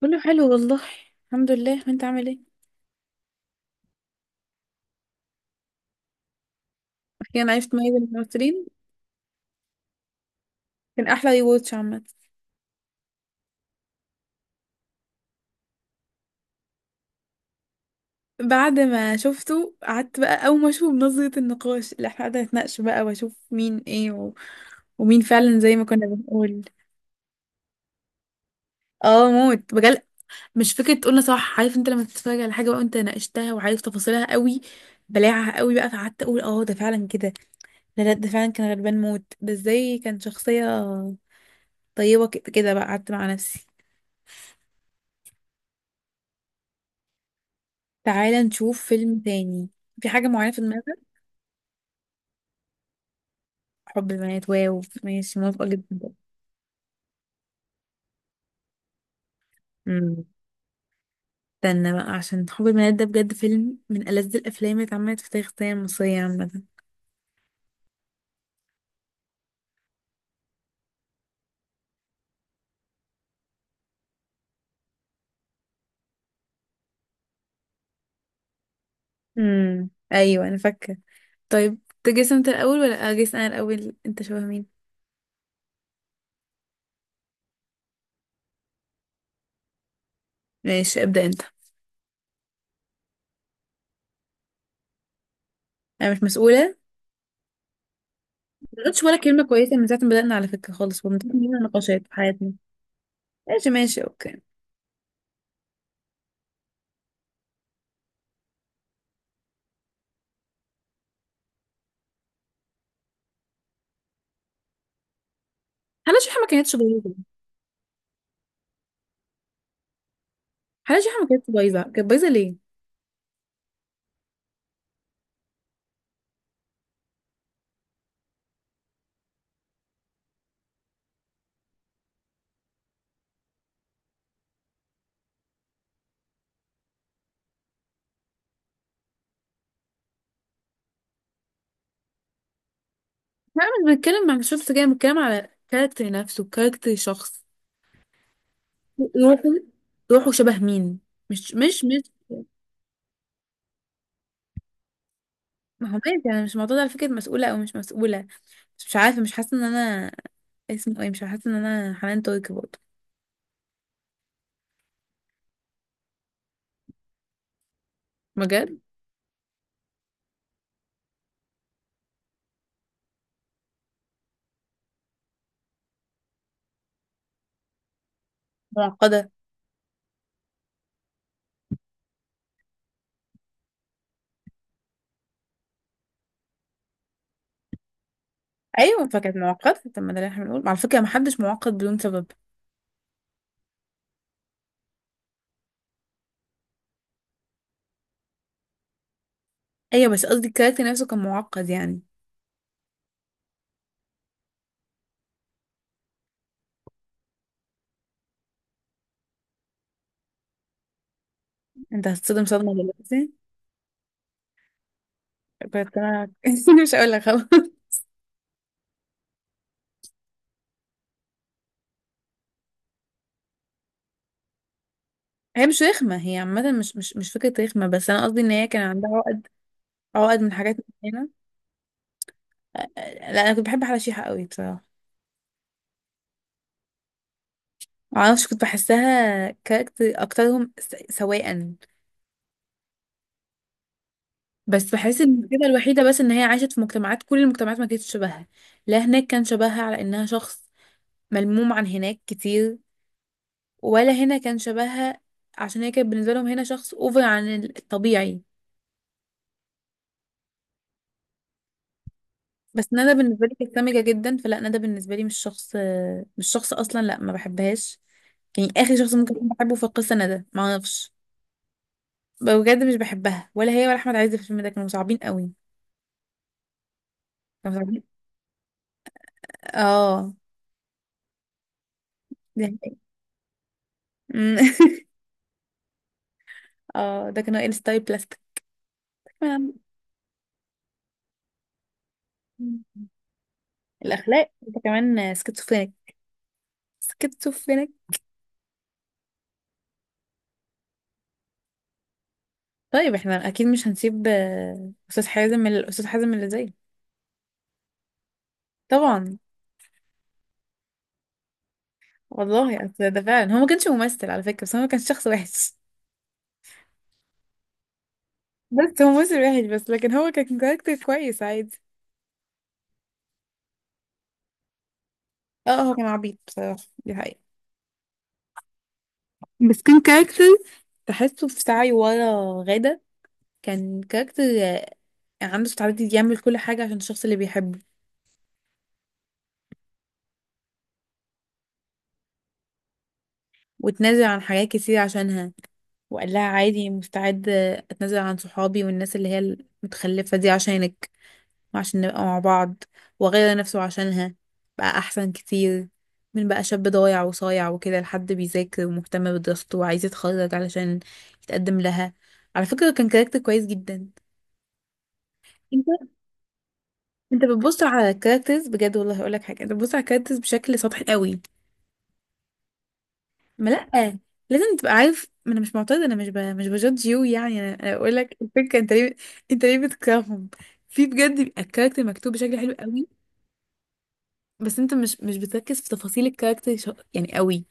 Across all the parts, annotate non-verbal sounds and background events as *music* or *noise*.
كله حلو والله. الحمد لله، وانت عامل ايه؟ اخيرا عرفت مي من الممثلين. كان احلى ريواتش عامه. بعد ما شفته قعدت بقى، اول ما اشوف نظره النقاش اللي احنا قعدنا نتناقش بقى، واشوف مين ايه ومين فعلا زي ما كنا بنقول. اه، موت بجد. مش فكره تقولنا صح؟ عارف انت لما تتفرج على حاجه بقى وانت ناقشتها وعارف تفاصيلها قوي، بلاعها قوي بقى، فقعدت اقول اه، ده فعلا كده. لا، لا، ده فعلا كان غلبان موت. ده ازاي كان شخصيه طيبه كده كده بقى؟ قعدت مع نفسي. تعالى نشوف فيلم تاني. في حاجة معينة في دماغك؟ حب البنات؟ واو، ماشي، موافقة جدا. امم. استنى بقى، عشان حب البنات ده بجد فيلم من ألذ الأفلام اللي اتعملت في تاريخ السينما المصرية عامة. امم، أيوة، أنا فاكرة. طيب، تجيس أنت الأول ولا أجيس أنا الأول؟ أنت شبه مين؟ ماشي، ابدأ أنت. أنا مش مسؤولة؟ ما قلتش ولا كلمة كويسة من ساعة ما بدأنا على فكرة خالص، ومن من نقاشات في حياتنا. ماشي، ماشي، أوكي. حلا شحة ما كانتش بايظة. حلا شحة ما كانتش بايظة، كانت بايظة ليه؟ لا، مش بتكلم عن الشخص كده، بتكلم على كاركتر نفسه، كاركتر شخص، روحه روحه شبه مين؟ مش مش مش ما هو ماشي، انا مش معترضة على فكرة مسؤولة او مش مسؤولة. بس مش عارفة، مش حاسة ان انا اسمه ايه مش حاسة ان انا حنان تركي برضه. بجد. معقدة. ايوه، فكانت معقدة. طب ما ده اللي احنا بنقول على فكرة، محدش معقد بدون سبب. ايوه، بس قصدي الكاركتر نفسه كان معقد يعني. انت هتصدم صدمة دلوقتي. كنت انا *laughs* مش هقول لك، خلاص. هي مش رخمة، هي عامة مش فكرة رخمة، بس أنا قصدي إن هي كان عندها عقد من حاجات معينة. أ- أ- لا، أنا كنت بحب أحلى شيحة قوي بصراحة. معرفش، كنت بحسها كاركتر أكترهم سواء. بس بحس إن المشكلة الوحيدة بس إن هي عاشت في مجتمعات، كل المجتمعات ما كانتش شبهها. لا هناك كان شبهها على إنها شخص ملموم عن هناك كتير، ولا هنا كان شبهها، عشان هي كانت بالنسبة لهم هنا شخص أوفر عن الطبيعي. بس ندى بالنسبه لي كانت سامجه جدا، فلا، ندى بالنسبه لي مش شخص، مش شخص اصلا، لا ما بحبهاش. يعني اخر شخص ممكن اكون بحبه في القصه ندى، ما اعرفش. بجد مش بحبها، ولا هي ولا احمد عز في الفيلم ده كانوا صعبين قوي. كانوا صعبين. اه، ده *laughs* اه، ده كانوا ال ستايل بلاستيك كمان. الاخلاق، انت كمان سكيزوفرينيك، سكيزوفرينيك. طيب، احنا اكيد مش هنسيب استاذ حازم الاستاذ حازم اللي زيه. طبعا. والله أصل ده فعلا، هو ما كانش ممثل على فكره، بس هو كان شخص وحش. بس هو موسم واحد بس، لكن هو كان كاركتر كويس عادي. اه، هو كان عبيط بصراحة، دي حقيقة. بس كان كاركتر تحسه في سعي ورا غادة. كان كاركتر عنده استعداد يعمل كل حاجة عشان الشخص اللي بيحبه. وتنازل عن حاجات كتير عشانها، وقال لها عادي، مستعد اتنازل عن صحابي والناس اللي هي المتخلفة دي عشانك، وعشان نبقى مع بعض، وغير نفسه عشانها. بقى أحسن كتير من بقى شاب ضايع وصايع وكده، لحد بيذاكر ومهتم بدراسته وعايز يتخرج علشان يتقدم لها. على فكرة كان كاركتر كويس جدا. انت انت بتبص على الكاركترز بجد، والله هقولك حاجة، انت بتبص على الكاركترز بشكل سطحي قوي. ما لأ، لازم تبقى عارف، ما انا مش معترضة، انا مش بجادج يو، يعني انا بقولك الفكرة، انت ليه؟ انت ليه بتكرههم؟ في بجد بيبقى الكاركتر مكتوب بشكل حلو قوي. بس انت مش بتركز في تفاصيل الكاركتر يعني قوي.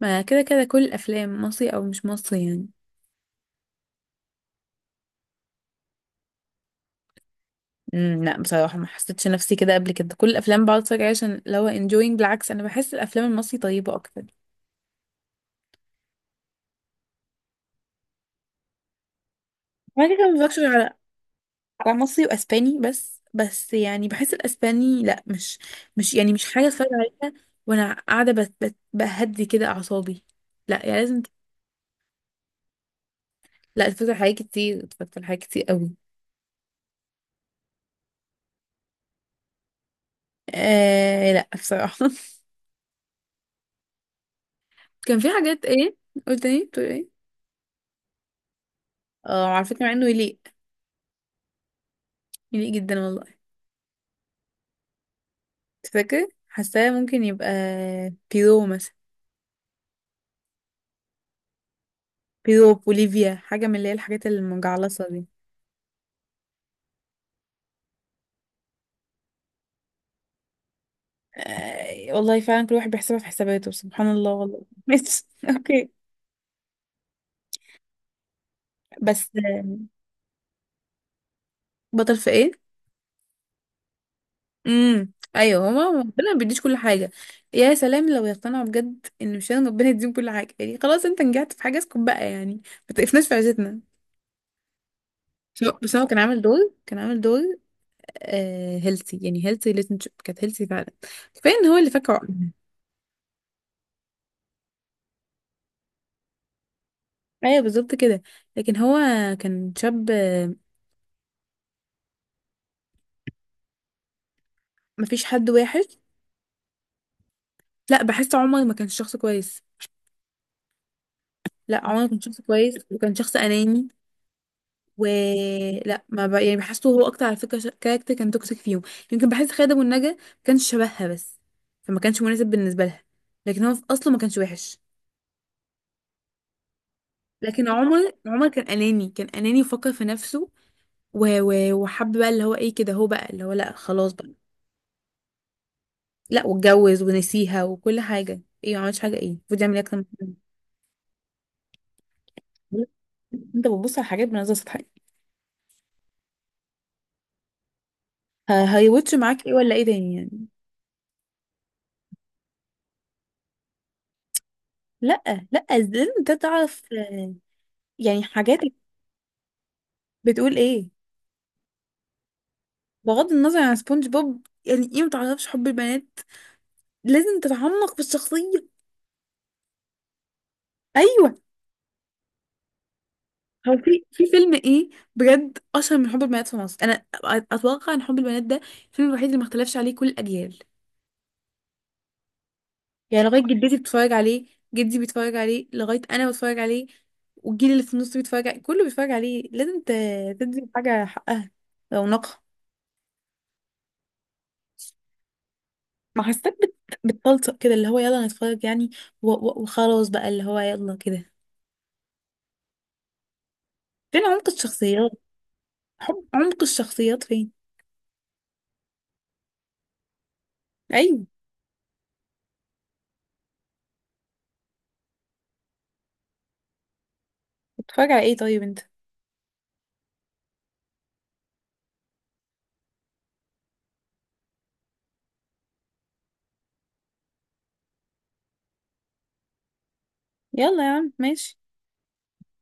ما كده كده كل الافلام مصري او مش مصري يعني. امم، لا بصراحه، ما حسيتش نفسي كده قبل كده، كل الافلام بقعد اتفرج عليها عشان لو انجوينج، بالعكس انا بحس الافلام المصري طيبه اكتر. انا كده كده ما بتفرجش غير على مصري واسباني بس يعني بحس الاسباني لا، مش يعني مش حاجه اتفرج عليها وانا قاعده بهدي كده اعصابي. لا يعني لازم لا، اتفرج على حاجات كتير، اتفرجت على حاجات كتير قوي. آه لا بصراحه. كان في حاجات ايه؟ قلت ايه؟ بتقول ايه؟ اه، على فكرة مع انه يليق. يليق جدا والله. انت فاكر حاساه ممكن يبقى بيرو مثلا، بيرو، بوليفيا، حاجة من اللي هي الحاجات المجعلصة دي. آه والله فعلا، كل واحد بيحسبها في حساباته، سبحان الله والله. ماشي *laughs* اوكي. بس بطل في ايه؟ امم، ايوه، هو ربنا ما بيديش كل حاجه. يا سلام لو يقتنعوا بجد ان مش لازم ربنا يديهم كل حاجه، يعني خلاص، انت نجحت في حاجه اسكت بقى يعني، ما تقفناش في عزتنا. بس هو كان عامل دور هيلثي، يعني هيلثي ريليشنشيب، كانت هيلثي فعلا. كفايه ان هو اللي فاكره عقلي. ايوه، بالظبط كده. لكن هو كان شاب مفيش حد وحش. لا، بحس عمر ما كانش شخص كويس. لا، عمر ما كان شخص كويس، وكان شخص اناني. ولا ما يعني بحسه هو اكتر على فكره كاركتر كان توكسيك فيهم. يمكن بحس خادم والنجا ما كانش شبهها بس، فما كانش مناسب بالنسبه لها، لكن هو في اصله ما كانش وحش. لكن عمر كان اناني، كان اناني، وفكر في نفسه. وحب بقى اللي هو ايه كده، هو بقى اللي هو، لا خلاص بقى. لا، واتجوز ونسيها وكل حاجه، ايه ما عملتش حاجه، ايه المفروض يعمل ايه اكتر من كده؟ انت بتبص على حاجات بنظره سطحيه. هيوتش معاك ايه ولا ايه تاني يعني؟ لا، لا، لازم انت تعرف يعني حاجاتك. بتقول ايه؟ بغض النظر عن سبونج بوب، يعني ايه ما تعرفش حب البنات؟ لازم تتعمق في الشخصيه. ايوه. هو في فيلم ايه بجد اشهر من حب البنات في مصر؟ انا اتوقع ان حب البنات ده الفيلم الوحيد اللي ما اختلفش عليه كل الاجيال. يعني لغاية جدتي بتتفرج عليه، جدي بيتفرج عليه، لغاية أنا بتفرج عليه، والجيل اللي في النص بيتفرج عليه، كله بيتفرج عليه. لازم تدي حاجة حقها، رونقها. ما حسيتك بتطلطق كده، اللي هو يلا نتفرج يعني، وخلاص بقى اللي هو يلا كده. فين عمق الشخصيات؟ عمق الشخصيات فين؟ أيوه. بتتفرج على ايه طيب انت؟ يلا يا عم، ماشي.